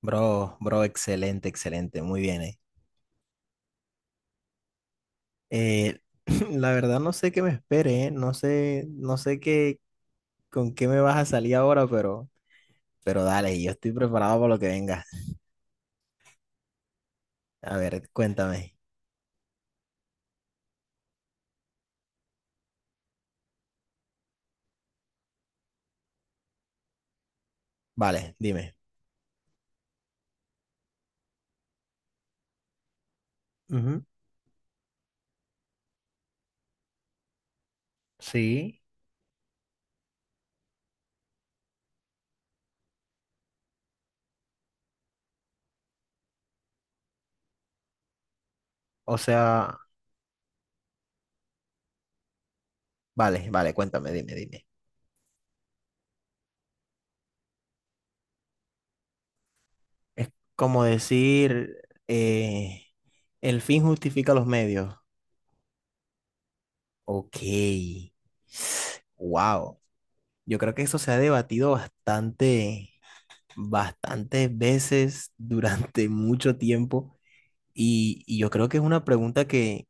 Bro, excelente, muy bien, Eh, la verdad no sé qué me espere, no sé qué, con qué me vas a salir ahora, pero dale, yo estoy preparado para lo que venga. A ver, cuéntame. Vale, dime. Ujú. Sí, o sea, vale, cuéntame, dime. Es como decir, el fin justifica los medios. Ok. Wow. Yo creo que eso se ha debatido bastantes veces durante mucho tiempo y yo creo que es una pregunta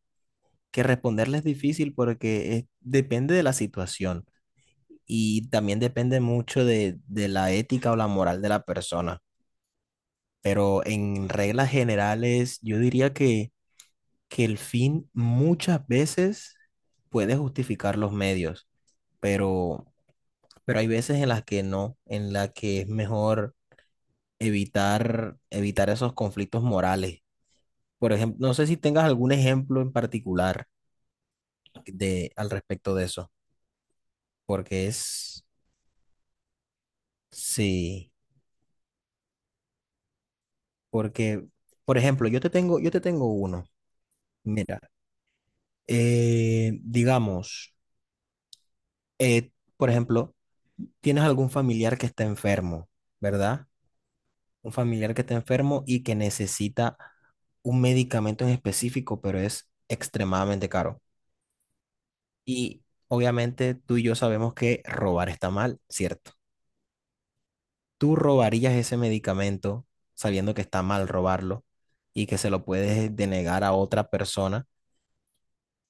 que responderle es difícil porque es- depende de la situación y también depende mucho de la ética o la moral de la persona. Pero en reglas generales, yo diría que el fin muchas veces puede justificar los medios, pero, pero hay veces en las que no, en las que es mejor evitar esos conflictos morales. Por ejemplo, no sé si tengas algún ejemplo en particular de al respecto de eso, porque es, sí, porque, por ejemplo, yo te tengo uno. Mira, digamos, por ejemplo, tienes algún familiar que está enfermo, ¿verdad? Un familiar que está enfermo y que necesita un medicamento en específico, pero es extremadamente caro. Y obviamente tú y yo sabemos que robar está mal, ¿cierto? ¿Tú robarías ese medicamento sabiendo que está mal robarlo y que se lo puedes denegar a otra persona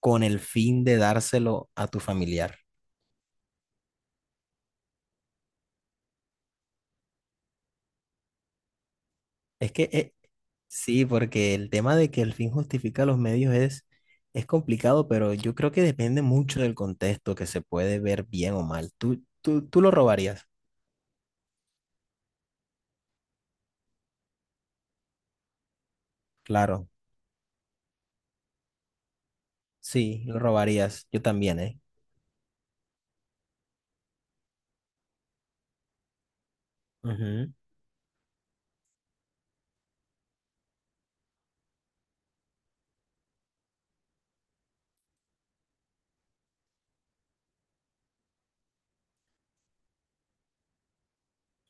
con el fin de dárselo a tu familiar? Es que sí, porque el tema de que el fin justifica los medios es complicado, pero yo creo que depende mucho del contexto que se puede ver bien o mal. ¿Tú lo robarías? Claro, sí, lo robarías. Yo también, ¿eh? Ujú.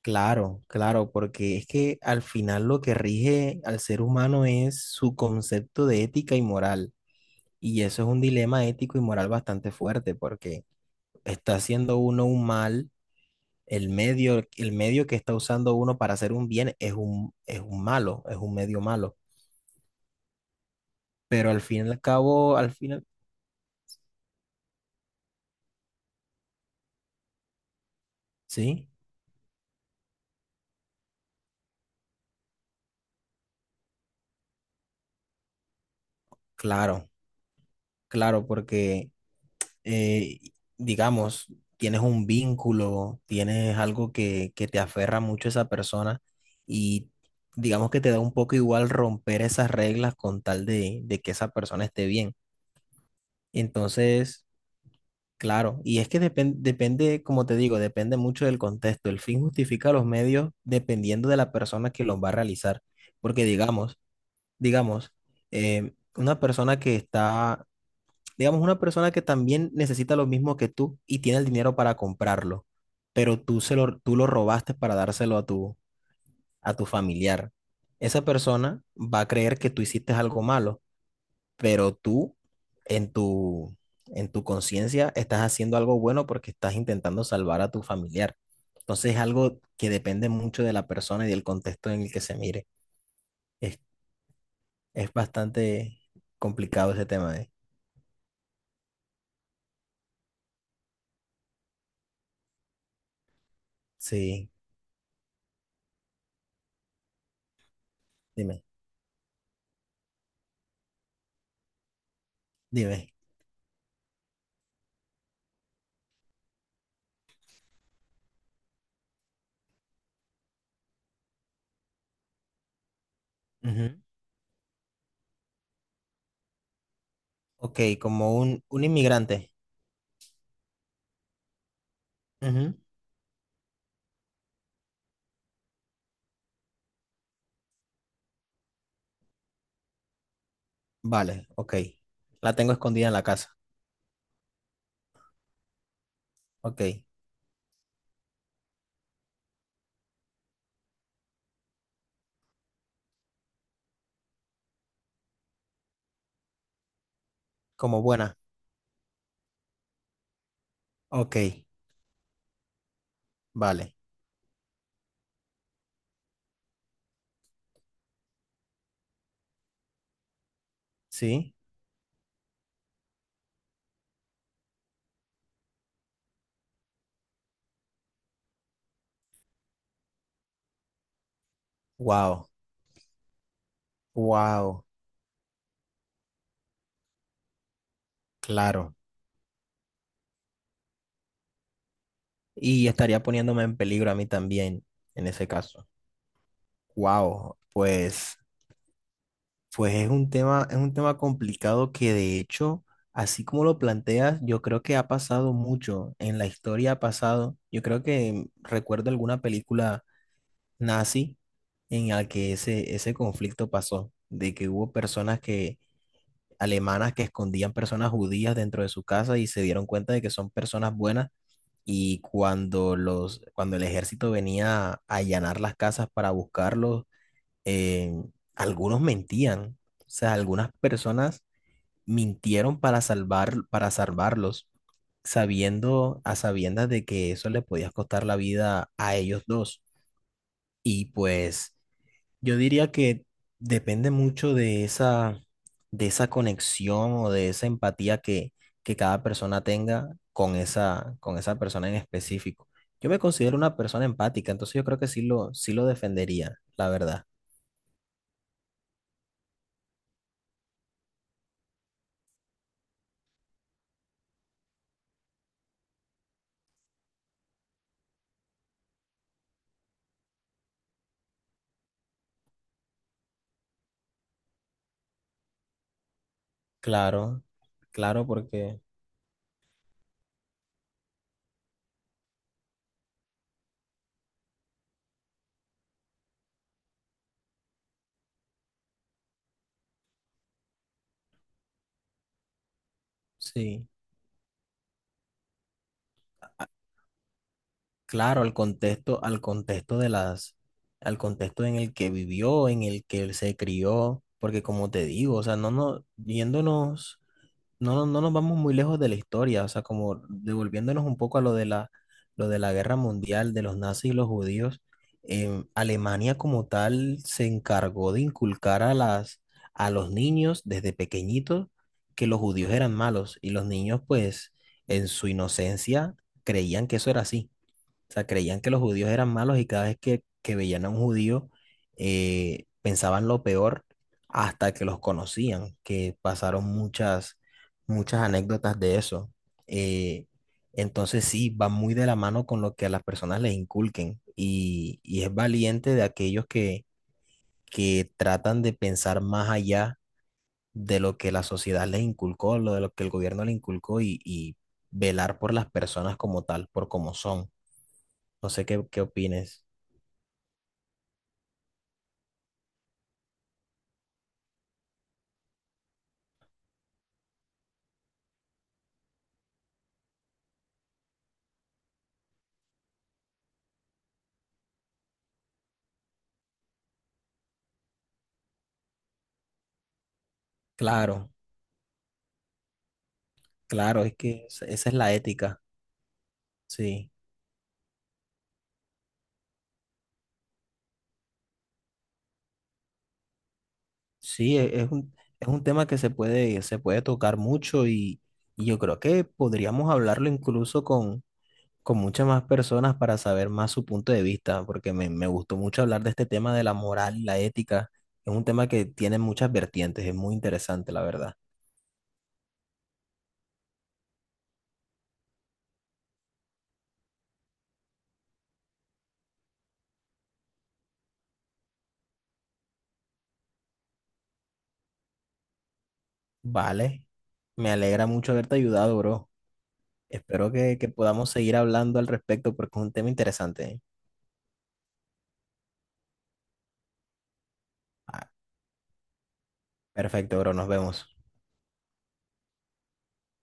Claro, claro, porque es que al final lo que rige al ser humano es su concepto de ética y moral. Y eso es un dilema ético y moral bastante fuerte, porque está haciendo uno un mal, el medio que está usando uno para hacer un bien es un malo, es un medio malo. Pero al fin y al cabo, al final, sí, claro, claro, porque eh, digamos, tienes un vínculo, tienes algo que te aferra mucho a esa persona y digamos que te da un poco igual romper esas reglas con tal de que esa persona esté bien. Entonces, claro, y es que depen- depende, como te digo, depende mucho del contexto. El fin justifica los medios dependiendo de la persona que los va a realizar. Porque digamos, digamos, eh, una persona que está digamos, una persona que también necesita lo mismo que tú y tiene el dinero para comprarlo, pero tú, se lo, tú lo robaste para dárselo a tu familiar. Esa persona va a creer que tú hiciste algo malo, pero tú en tu, en tu conciencia estás haciendo algo bueno porque estás intentando salvar a tu familiar. Entonces es algo que depende mucho de la persona y del contexto en el que se mire. Es, es bastante complicado ese tema, ¿eh? Sí, dime, dime. Ujú. Ok, como un inmigrante. Ujú. Vale, ok. La tengo escondida en la casa. Ok. Como buena. Ok, vale. Sí. Wow. Wow. Claro. Y estaría poniéndome en peligro a mí también en ese caso. Wow. Pues, pues es un tema complicado que de hecho, así como lo planteas, yo creo que ha pasado mucho en la historia ha pasado. Yo creo que recuerdo alguna película nazi en el que ese conflicto pasó, de que hubo personas que, alemanas que escondían personas judías dentro de su casa y se dieron cuenta de que son personas buenas y cuando los, cuando el ejército venía a allanar las casas para buscarlos, eh, algunos mentían, o sea, algunas personas mintieron para salvar, para salvarlos, sabiendo, a sabiendas de que eso les podía costar la vida a ellos dos. Y pues yo diría que depende mucho de esa conexión o de esa empatía que cada persona tenga con esa persona en específico. Yo me considero una persona empática, entonces yo creo que sí lo defendería, la verdad. Claro, claro, porque sí, claro, al contexto, al contexto en el que vivió, en el que él se crió, porque como te digo, o sea, yéndonos. No nos vamos muy lejos de la historia, o sea, como devolviéndonos un poco a lo de la guerra mundial de los nazis y los judíos, Alemania como tal se encargó de inculcar a las, a los niños desde pequeñitos que los judíos eran malos y los niños pues en su inocencia creían que eso era así. O sea, creían que los judíos eran malos y cada vez que veían a un judío pensaban lo peor hasta que los conocían, que pasaron muchas, muchas anécdotas de eso. Eh, entonces sí, va muy de la mano con lo que a las personas les inculquen y es valiente de aquellos que tratan de pensar más allá de lo que la sociedad les inculcó, lo de lo que el gobierno les inculcó y velar por las personas como tal, por como son. No sé qué, qué opines. Claro, claro, es que esa esa es la ética, sí, sí, e- es un tema que se puede tocar mucho y yo creo que podríamos hablarlo incluso con muchas más personas para saber más su punto de vista, porque me gustó mucho hablar de este tema de la moral y la ética, es un tema que tiene muchas vertientes, es muy interesante, la verdad. Vale, me alegra mucho haberte ayudado, bro. Espero que podamos seguir hablando al respecto porque es un tema interesante. ¿Eh? Ah, perfecto, bro, nos vemos.